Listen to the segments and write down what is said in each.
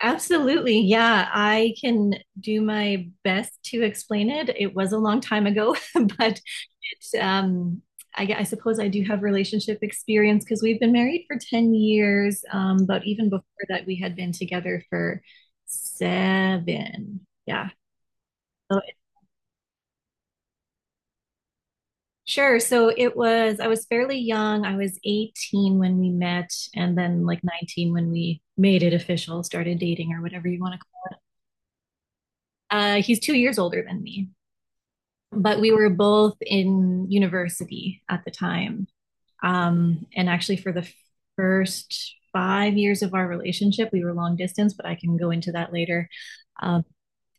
Absolutely. Yeah, I can do my best to explain it. It was a long time ago, but it, um, I suppose I do have relationship experience because we've been married for 10 years. But even before that, we had been together for seven. Yeah. So it- sure. I was fairly young. I was 18 when we met, and then like 19 when we made it official, started dating or whatever you want to call it. He's 2 years older than me. But we were both in university at the time. And actually, for the first 5 years of our relationship, we were long distance, but I can go into that later. Um,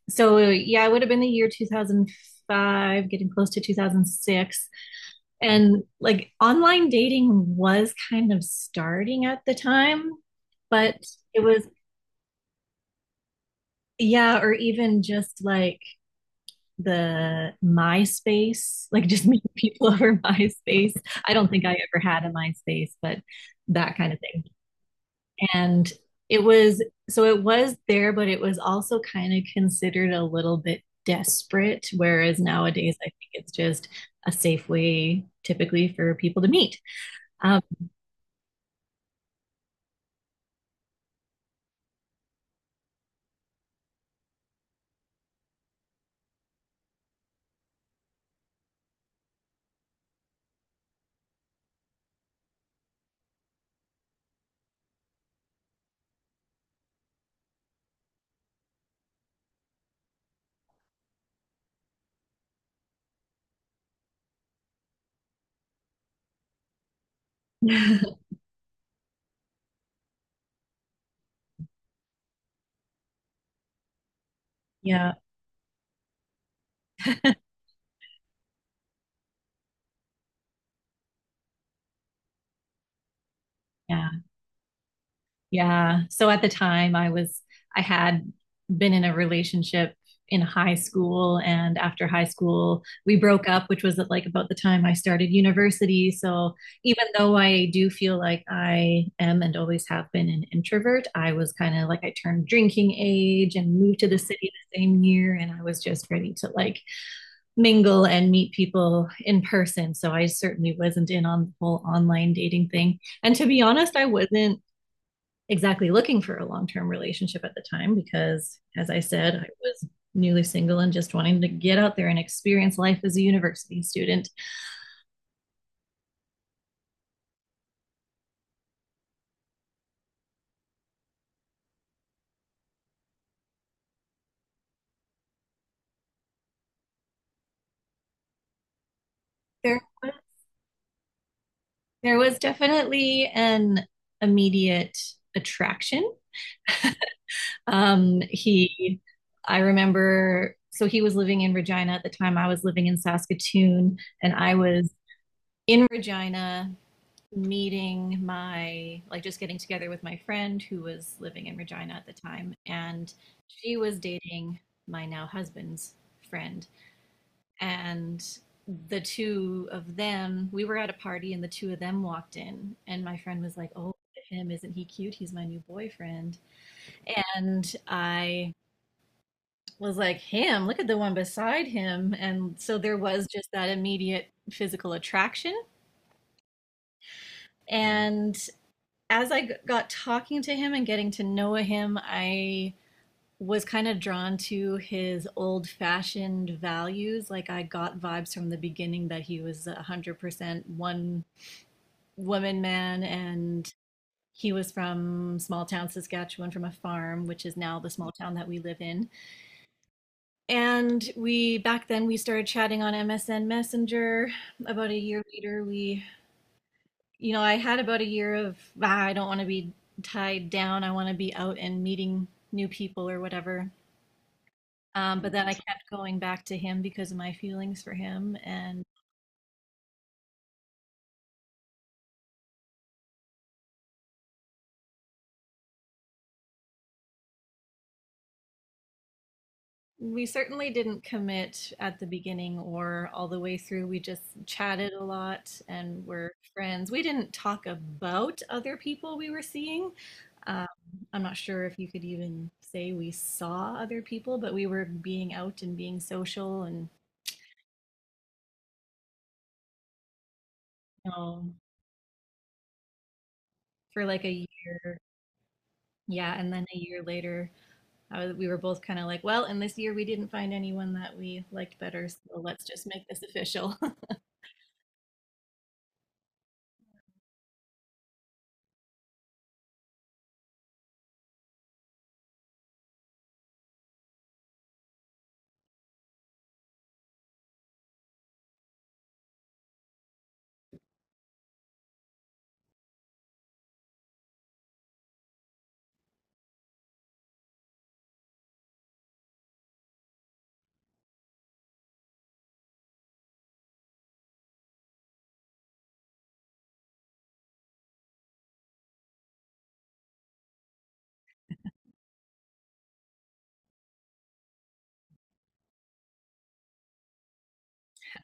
so, yeah, it would have been the year 2005, getting close to 2006. And like online dating was kind of starting at the time, but it was, yeah, or even just like the MySpace, like just meeting people over MySpace. I don't think I ever had a MySpace, but that kind of thing. And it was so it was there, but it was also kind of considered a little bit desperate. Whereas nowadays, I think it's just a safe way typically for people to meet. Um, yeah. Yeah. Yeah. So at the time I had been in a relationship in high school, and after high school we broke up, which was at like about the time I started university. So even though I do feel like I am and always have been an introvert, I was kind of like, I turned drinking age and moved to the city the same year, and I was just ready to like mingle and meet people in person. So I certainly wasn't in on the whole online dating thing. And to be honest, I wasn't exactly looking for a long term relationship at the time because, as I said, I was newly single and just wanting to get out there and experience life as a university student. There, there was definitely an immediate attraction. Um, he, I remember, so he was living in Regina at the time. I was living in Saskatoon, and I was in Regina meeting my just getting together with my friend who was living in Regina at the time, and she was dating my now husband's friend. And the two of them, we were at a party and the two of them walked in, and my friend was like, oh, look at him, isn't he cute, he's my new boyfriend. And I was like, him, look at the one beside him. And so there was just that immediate physical attraction. And as I got talking to him and getting to know him, I was kind of drawn to his old fashioned values. Like, I got vibes from the beginning that he was a 100% one woman man, and he was from small town Saskatchewan, from a farm, which is now the small town that we live in. And we Back then we started chatting on MSN Messenger. About a year later, we you know, I had about a year of, ah, I don't want to be tied down, I want to be out and meeting new people or whatever. But then I kept going back to him because of my feelings for him. And we certainly didn't commit at the beginning or all the way through. We just chatted a lot and were friends. We didn't talk about other people we were seeing. Um, I'm not sure if you could even say we saw other people, but we were being out and being social, and you know, for like a year. Yeah, and then a year later, we were both kind of like, well, and this year we didn't find anyone that we liked better, so let's just make this official.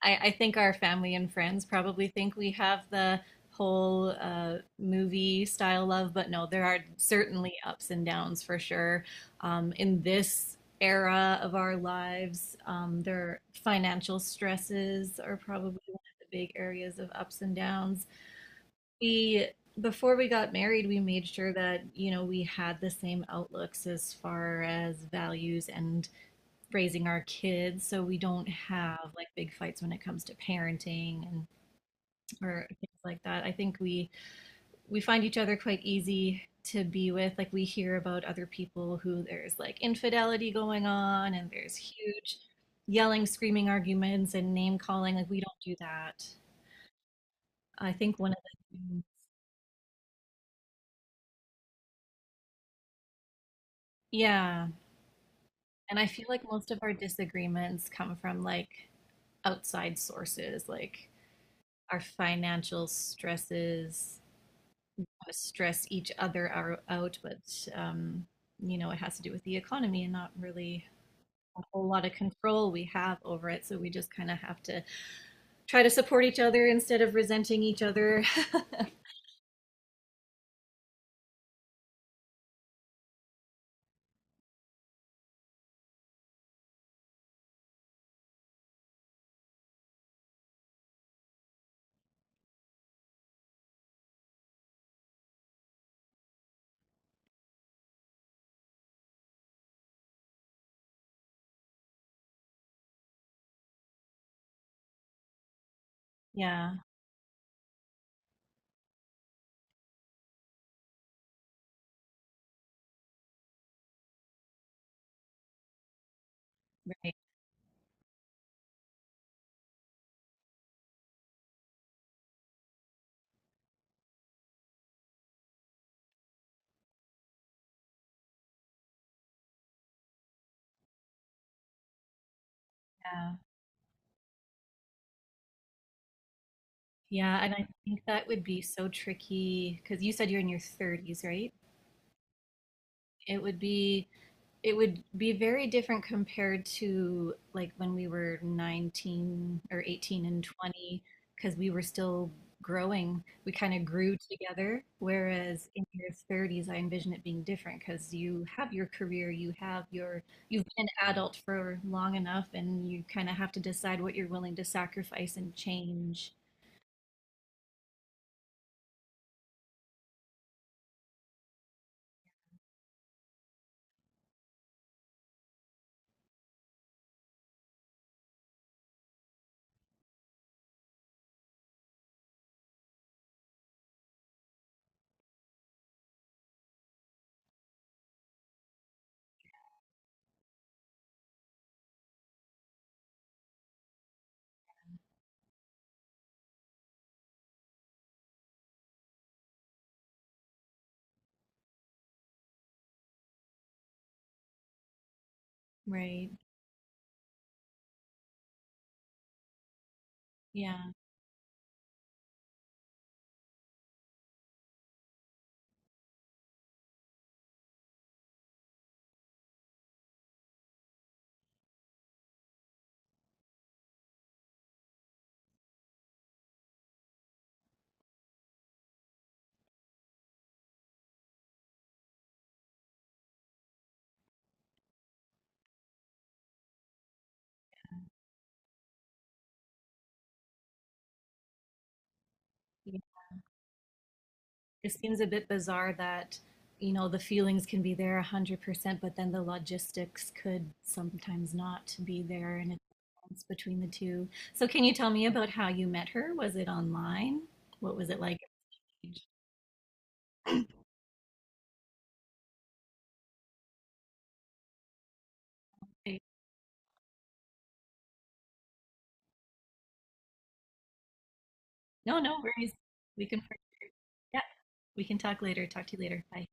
I think our family and friends probably think we have the whole movie style love, but no, there are certainly ups and downs for sure. In this era of our lives, their financial stresses are probably one of the big areas of ups and downs. We before we got married, we made sure that, you know, we had the same outlooks as far as values and raising our kids, so we don't have like big fights when it comes to parenting and or things like that. I think We find each other quite easy to be with. Like, we hear about other people who there's like infidelity going on, and there's huge yelling, screaming arguments and name calling. Like, we don't do that. I think one of the Yeah. And I feel like most of our disagreements come from like outside sources, like our financial stresses stress each other out, but um, you know, it has to do with the economy, and not really a whole lot of control we have over it. So we just kind of have to try to support each other instead of resenting each other. Yeah, right. Yeah. Yeah, and I think that would be so tricky because you said you're in your 30s, right? It would be It would be very different compared to like when we were 19 or 18 and 20, because we were still growing. We kind of grew together. Whereas in your 30s, I envision it being different because you have your career, you have you've been an adult for long enough, and you kind of have to decide what you're willing to sacrifice and change, right? Yeah. It seems a bit bizarre that, you know, the feelings can be there 100%, but then the logistics could sometimes not be there, and it's between the two. So, can you tell me about how you met her? Was it online? What was it like? Okay. No, no worries. We can, yeah, we can talk later. Talk to you later. Bye.